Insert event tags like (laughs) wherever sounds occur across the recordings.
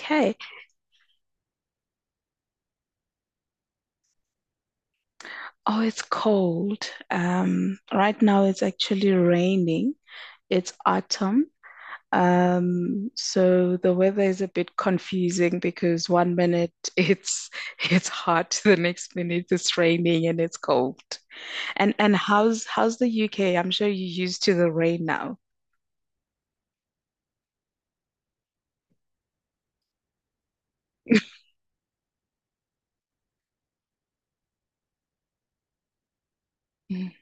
Okay. Oh, it's cold. Right now it's actually raining. It's autumn. So the weather is a bit confusing because one minute (laughs) it's hot, the next minute it's raining and it's cold. And how's the UK? I'm sure you're used to the rain now. Mm. (laughs)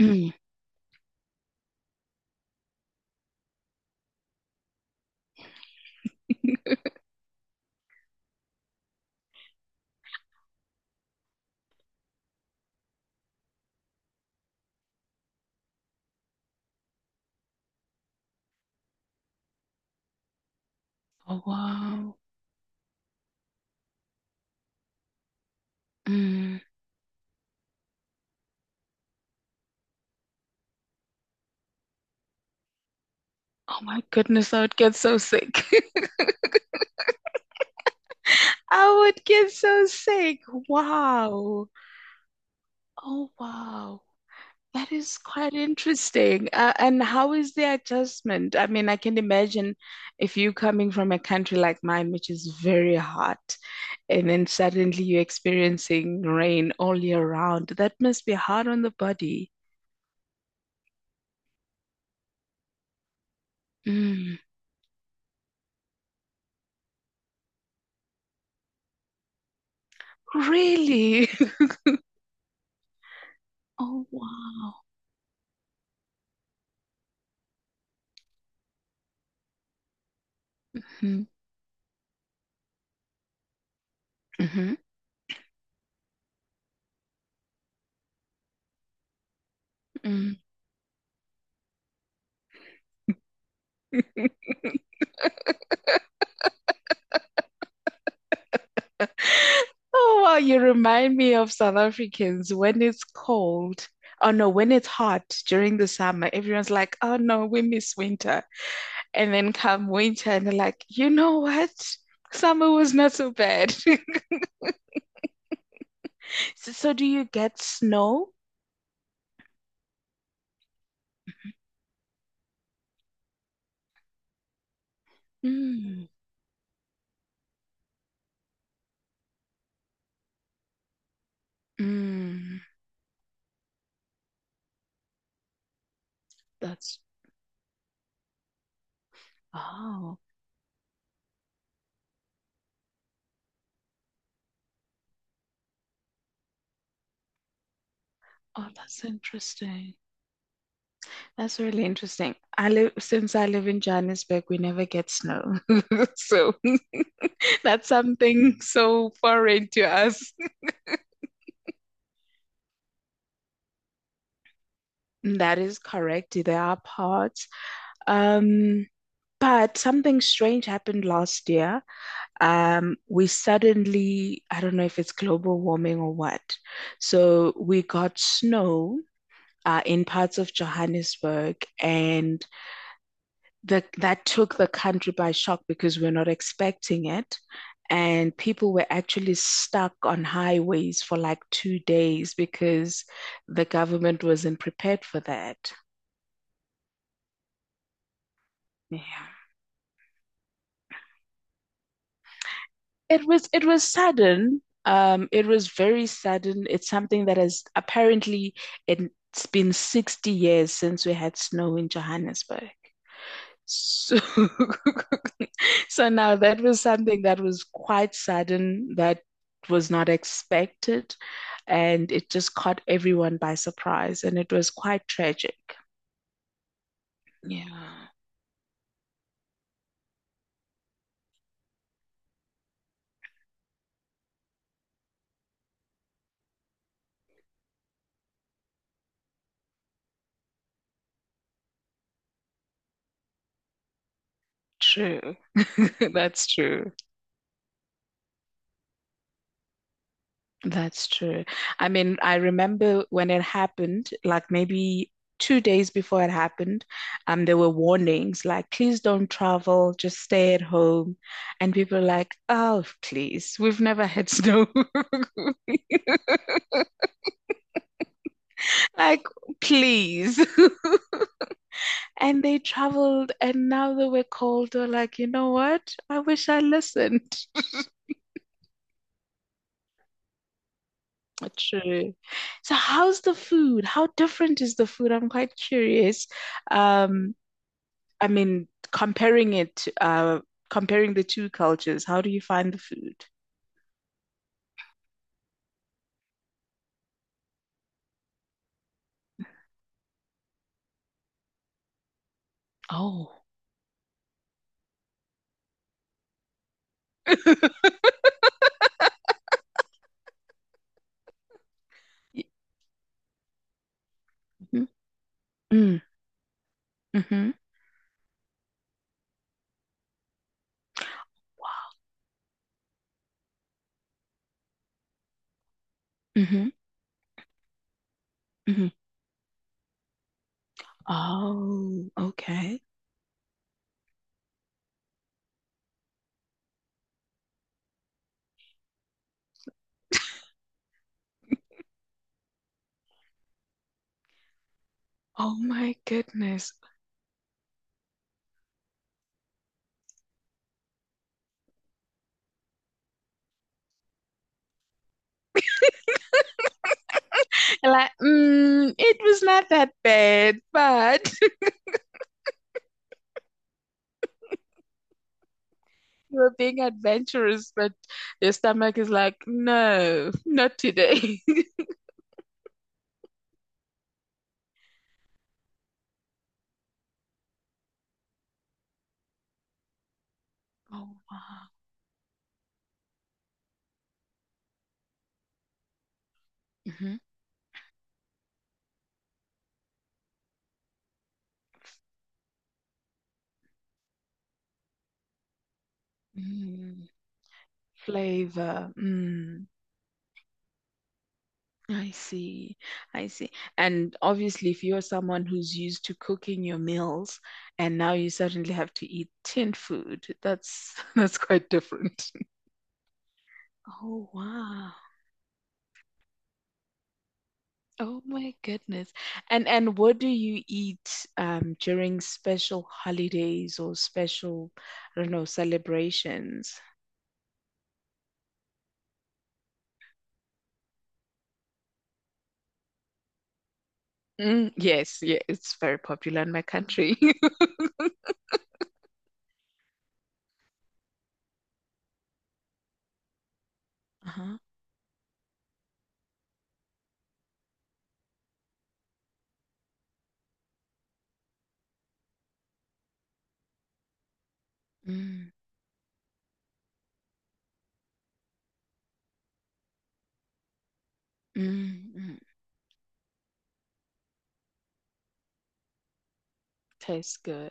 Mm. Oh wow. Mm. Oh my goodness, I would get so sick. (laughs) I would get so sick. Wow. Oh, wow. That is quite interesting. And how is the adjustment? I mean, I can imagine if you coming from a country like mine, which is very hot, and then suddenly you're experiencing rain all year round. That must be hard on the body. Mm. Really? (laughs) Oh, wow. Hmm. Mm-hmm. Mm. Oh, wow, you remind me of South Africans when it's cold. Oh no, when it's hot during the summer, everyone's like, oh no, we miss winter. And then come winter, and they're like, you know what? Summer was not so bad. (laughs) So do you get snow? Mm, mm, that's, oh, oh, that's interesting. That's really interesting. Since I live in Johannesburg, we never get snow. (laughs) So. That's something so foreign to us. That is correct. There are parts. Um, but something strange happened last year. We suddenly, I don't know if it's global warming or what. So we got snow in parts of Johannesburg, and that took the country by shock because we're not expecting it. And people were actually stuck on highways for like 2 days because the government wasn't prepared for that. Yeah. It was sudden. It was very sudden. It's something that has apparently it's been 60 years since we had snow in Johannesburg. So, (laughs) so now that was something that was quite sudden, that was not expected, and it just caught everyone by surprise, and it was quite tragic. Yeah, true. (laughs) That's true. That's true. I mean, I remember when it happened, like maybe 2 days before it happened, there were warnings like, please don't travel, just stay at home. And people are like, oh, please, we've never had snow. (laughs) Like, please. (laughs) And they traveled, and now that we're cold, they're like, you know what? I wish I listened. (laughs) True. So, how's the food? How different is the food? I'm quite curious. Um, I mean, comparing it, uh, comparing the two cultures, how do you find the food? Oh, Y- Mm, mm, hmm hmm hmm. Oh, okay. Oh my goodness. And like, mm, it was not that bad, but (laughs) you were being adventurous, but your stomach is like, no, not today. (laughs) Oh wow. Hmm. Mm. Flavor. Mm. I see. I see. And obviously, if you're someone who's used to cooking your meals and now you suddenly have to eat tin food, that's (laughs) that's quite different. (laughs) Oh wow. Oh my goodness. And what do you eat during special holidays or special, I don't know, celebrations? Mm, yes, yeah, it's very popular in my country. (laughs) Uh-huh. Mm, mm, mm. Tastes good.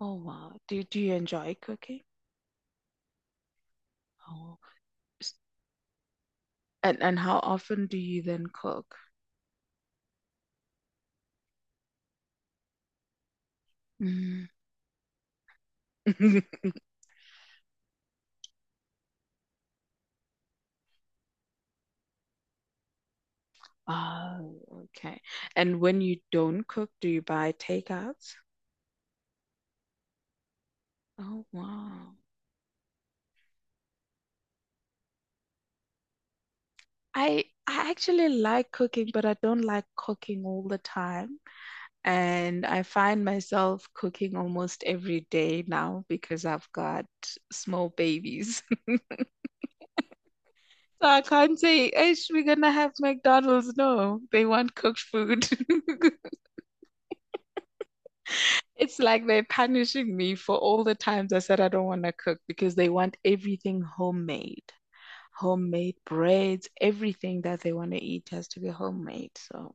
Oh wow. Do you enjoy cooking? Oh, s- and how often do you then cook? Mm. (laughs) Oh, okay. And when you don't cook, do you buy takeouts? Oh wow. I actually like cooking, but I don't like cooking all the time. And I find myself cooking almost every day now because I've got small babies. (laughs) So I can't say, Ish, we're gonna have McDonald's. No, they want cooked food. (laughs) It's like they're punishing me for all the times I said I don't want to cook because they want everything homemade. Homemade breads, everything that they want to eat has to be homemade. So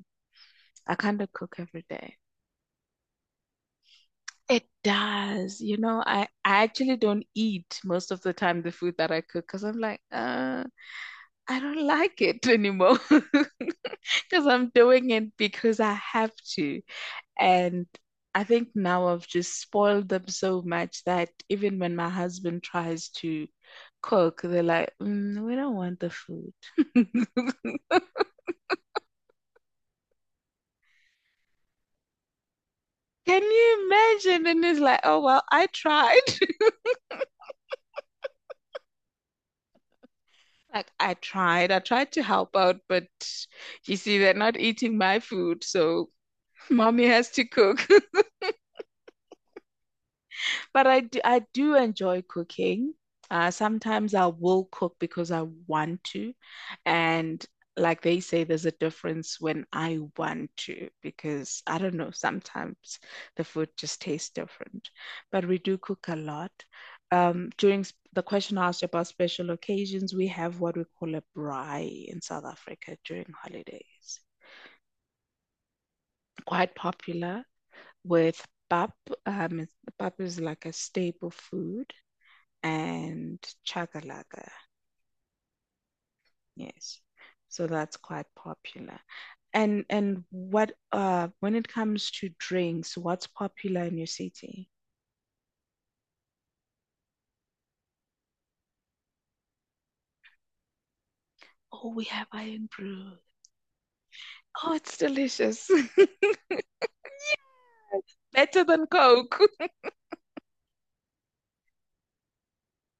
I kind of cook every day. It does. You know, I actually don't eat most of the time the food that I cook because I'm like, I don't like it anymore (laughs) because I'm doing it because I have to. And I think now I've just spoiled them so much that even when my husband tries to cook, they're like, mm, we don't want the food. (laughs) Can you imagine? And it's like, oh, well, I tried. (laughs) Like, I tried. I tried to help out, but you see, they're not eating my food. So mommy has to cook. (laughs) But I do enjoy cooking. Sometimes I will cook because I want to. And like they say, there's a difference when I want to, because I don't know, sometimes the food just tastes different. But we do cook a lot. The question asked about special occasions, we have what we call a braai in South Africa during holidays. Quite popular with pap. Um, Pap is like a staple food and chakalaka. Yes. So that's quite popular. And what when it comes to drinks, what's popular in your city? Oh, we have iron brew. Oh, it's delicious. (laughs) Better than Coke. (laughs)